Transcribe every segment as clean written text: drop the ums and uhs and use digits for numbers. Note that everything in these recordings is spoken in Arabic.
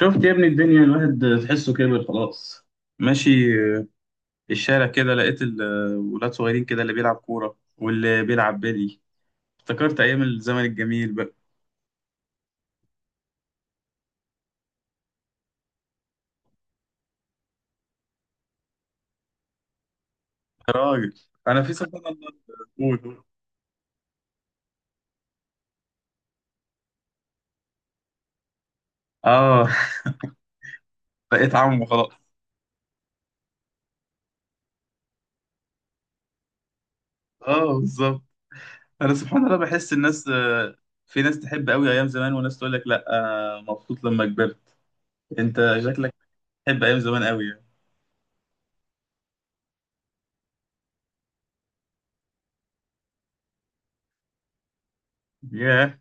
شفت يا ابني الدنيا، الواحد تحسه كبر خلاص. ماشي الشارع كده لقيت الولاد صغيرين كده، اللي بيلعب كورة واللي بيلعب بيلي. افتكرت أيام الزمن الجميل بقى. يا راجل، أنا في سبحان الله بقول آه. بقيت عمو خلاص. آه بالظبط، أنا سبحان الله بحس الناس، في ناس تحب قوي أيام زمان وناس تقول لك لأ أنا مبسوط لما كبرت. أنت شكلك تحب أيام زمان قوي يعني. ياه.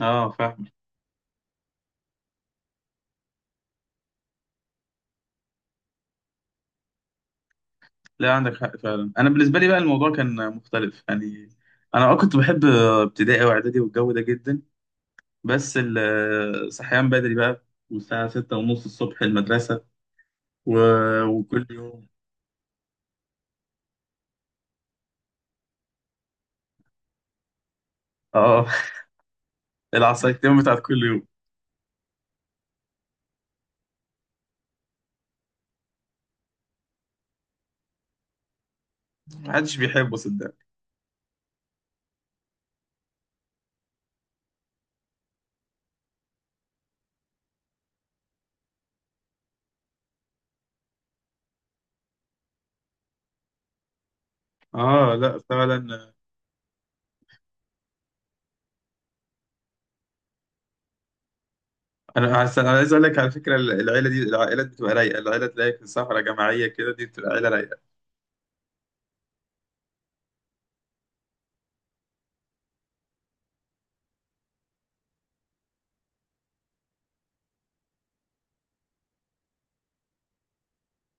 آه فاهم. لا عندك حق فعلا، انا بالنسبه لي بقى الموضوع كان مختلف يعني. انا كنت بحب ابتدائي واعدادي والجو ده جدا، بس صحيان بدري بقى، والساعه ستة ونص الصبح المدرسه، و... وكل يوم. اه. العصايتين بتاعت كل يوم. محدش بيحبه صدق. اه لا فعلا. انا عايز اقول لك على فكره، العيله دي العائلات بتبقى رايقه، العيله تلاقيك في سفره جماعيه كده دي بتبقى عيله رايقه.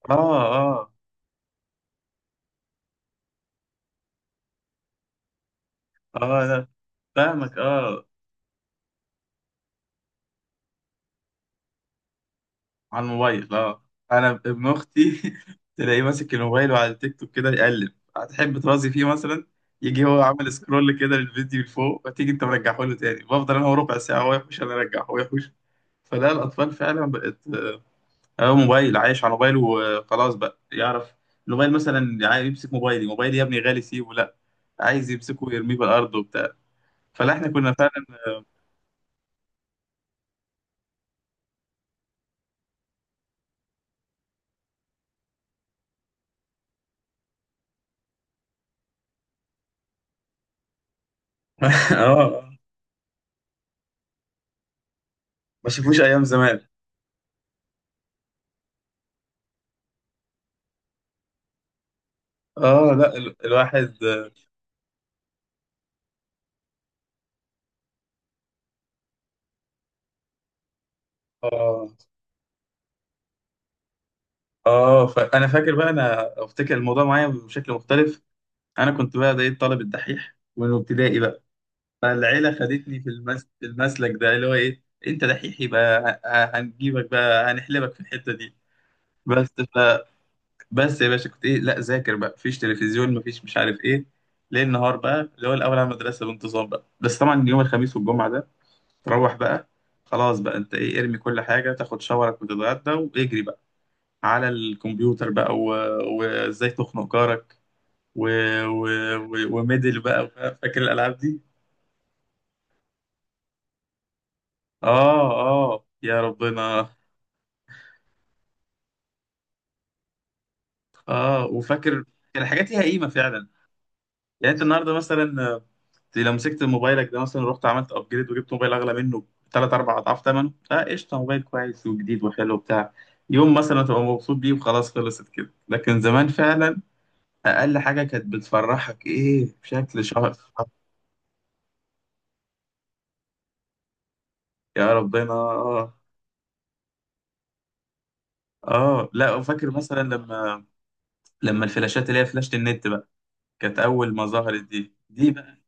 اه اه اه. لا فاهمك، اه. على الموبايل اه. انا ابن اختي تلاقيه ماسك الموبايل وعلى التيك توك كده يقلب، هتحب ترازي فيه مثلا، يجي هو عامل سكرول كده للفيديو لفوق، وتيجي انت مرجعه له تاني، بفضل انا هو ربع ساعه، هو يحوش انا ارجع هو يحوش. فلا الاطفال فعلا بقت، هو موبايل عايش على موبايله وخلاص، بقى يعرف الموبايل مثلا. يعني عايز يمسك موبايلي، موبايلي يا ابني غالي سيبه، لا عايز يمسكه ويرميه بالارض وبتاع. فلا احنا كنا فعلا. اه. ما شافوش ايام زمان. اه لا، الواحد. اه اه. فانا فاكر بقى، انا افتكر الموضوع معايا بشكل مختلف. انا كنت بقى ده ايه، الطالب الدحيح من ابتدائي بقى. فالعيله خدتني في المسلك ده، اللي هو ايه، انت دحيح يبقى هنجيبك بقى، هنحلبك في الحته دي. بس ف... يا باشا كنت ايه، لا ذاكر بقى، مفيش تلفزيون مفيش مش عارف ايه، ليل نهار بقى، اللي هو الاول على المدرسه بانتظام بقى. بس طبعا يوم الخميس والجمعه ده، تروح بقى. خلاص بقى انت ايه، ارمي كل حاجه، تاخد شاورك وتتغدى واجري بقى على الكمبيوتر بقى، و- وازاي تخنق جارك، و... و... و... وميدل بقى، فاكر الالعاب دي. اه اه يا ربنا. اه وفاكر. كان الحاجات ليها قيمه فعلا. يعني انت النهارده مثلا، لو مسكت موبايلك ده مثلا، رحت عملت ابجريد وجبت موبايل اغلى منه ثلاث اربع اضعاف ثمنه، اه قشطه، موبايل كويس وجديد وحلو وبتاع. يوم مثلا تبقى مبسوط بيه وخلاص، خلصت كده. لكن زمان فعلا اقل حاجه كانت بتفرحك ايه بشكل شهر. يا ربنا. اه لا فاكر مثلا لما الفلاشات اللي هي فلاشة النت بقى، كانت اول ما ظهرت، دي بقى.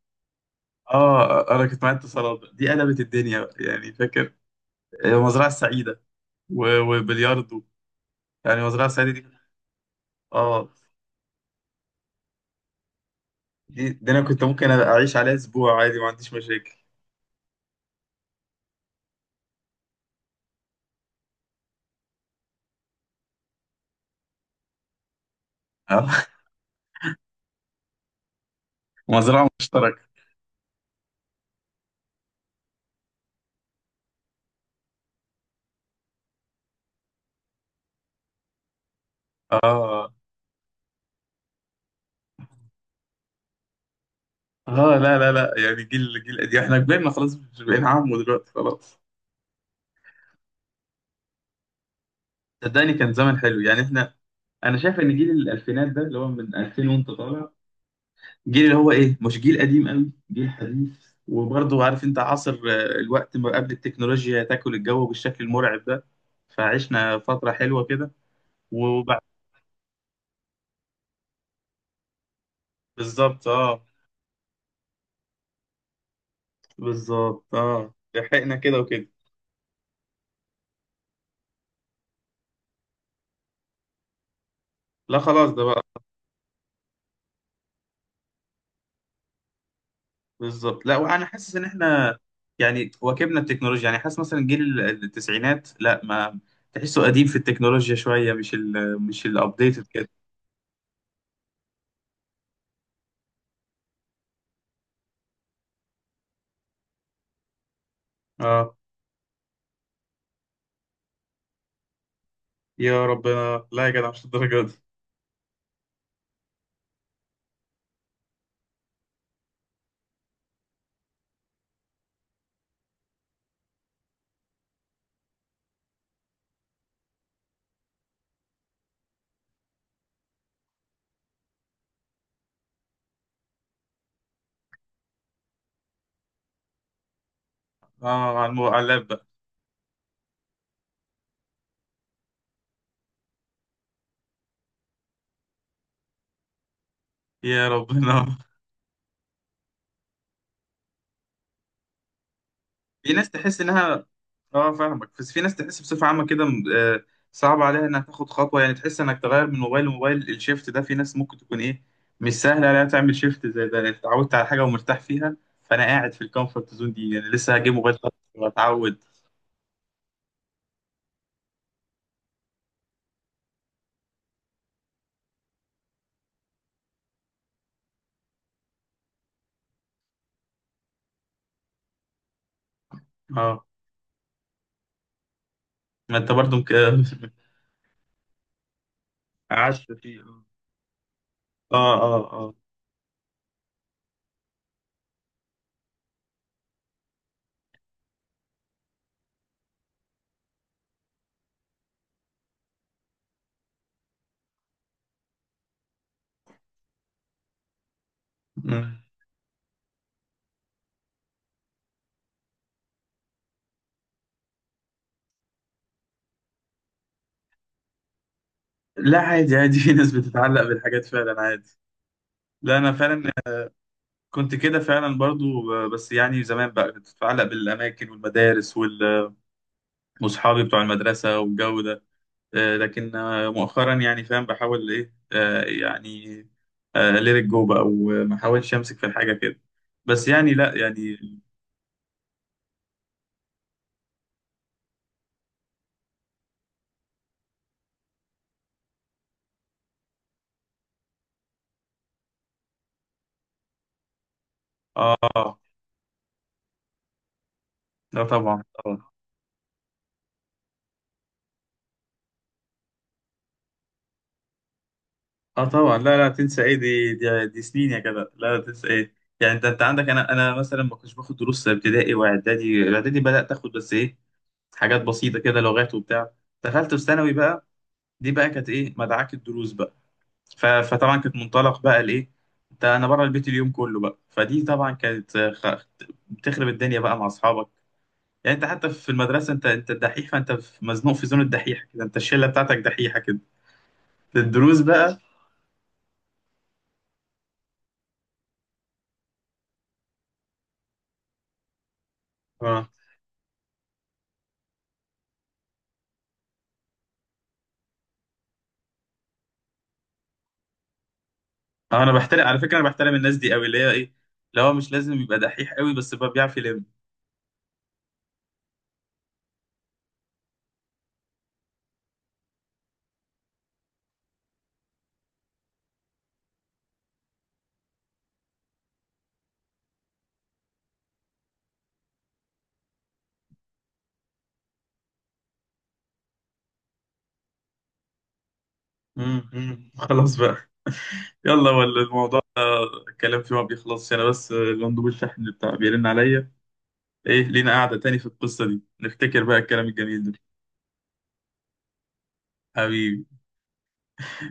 اه، انا كنت معايا اتصالات بقى. دي قلبت الدنيا بقى، يعني فاكر المزرعة السعيدة، و- وبلياردو. يعني المزرعة السعيدة دي، اه، دي انا كنت ممكن أبقى اعيش عليها اسبوع عادي ما عنديش مشاكل. اه. مزرعة مشتركة. اه اه. لا لا لا، يعني جيل قديم، احنا كبرنا خلاص، مش بقينا عم دلوقتي خلاص. صدقني كان زمن حلو، يعني احنا، انا شايف ان جيل الالفينات ده اللي هو من 2000 وانت طالع، جيل اللي هو ايه، مش جيل قديم قوي، جيل حديث وبرضه عارف انت عصر، الوقت ما قبل التكنولوجيا تاكل الجو بالشكل المرعب ده. فعشنا فترة حلوة كده، وبعد. بالظبط اه. بالظبط اه لحقنا كده وكده. لا خلاص ده بقى. بالظبط. لا وانا حاسس ان احنا، يعني واكبنا التكنولوجيا. يعني حاسس مثلا جيل التسعينات، لا ما تحسه قديم في التكنولوجيا شوية، مش ال مش الابديتد كده. اه يا ربنا، لا يا جدع مش الدرجة دي. اه على اللاب. يا ربنا. في ناس تحس انها، اه فاهمك. بس في ناس تحس بصفة عامة كده، صعب عليها انها تاخد خطوة، يعني تحس انك تغير من موبايل لموبايل، الشيفت ده في ناس ممكن تكون ايه، مش سهل عليها تعمل شيفت زي ده، لأن اتعودت على حاجة ومرتاح فيها. فانا قاعد في الكومفورت زون دي، يعني لسه هجيب موبايل خط واتعود. اه ما انت برضو مك... قعدت فيه. اه اه اه. مم. لا عادي عادي، في ناس بتتعلق بالحاجات فعلا عادي. لا انا فعلا كنت كده فعلا برضو، بس يعني زمان بقى كنت بتعلق بالأماكن والمدارس وال- وأصحابي بتوع المدرسة والجو ده، لكن مؤخرا يعني فاهم، بحاول إيه، يعني ليت جو بقى وما أحاولش أمسك في الحاجة كده، بس يعني لا يعني. آه. لا طبعا طبعا. آه طبعا لا لا تنسى إيه، دي سنين يا كده، لا لا تنسى إيه. يعني أنت عندك، أنا مثلا ما كنتش باخد دروس ابتدائي وإعدادي، إعدادي بدأت آخد بس إيه، حاجات بسيطة كده، لغات وبتاع. دخلت في ثانوي بقى، دي بقى كانت ايه مدعاك الدروس بقى، فطبعا كانت منطلق بقى لايه، انت انا بره البيت اليوم كله بقى، فدي طبعا كانت، بتخرب الدنيا بقى مع اصحابك. يعني انت حتى في المدرسه، انت الدحيح، فانت مزنوق في زون الدحيح كده، انت الشله بتاعتك دحيحه كده الدروس بقى. اه انا بحترم على فكره، انا بحترم الناس دي قوي، اللي هي ايه اللي هو مش لازم يبقى دحيح قوي بس بقى بيعرف يلم. مم، مم. خلاص بقى. يلا، ولا الموضوع ده الكلام فيه ما بيخلصش. انا بس، المندوب الشحن بتاع بيرن عليا. ايه، لينا قاعدة تاني في القصة دي، نفتكر بقى الكلام الجميل ده. حبيبي.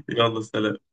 يلا سلام.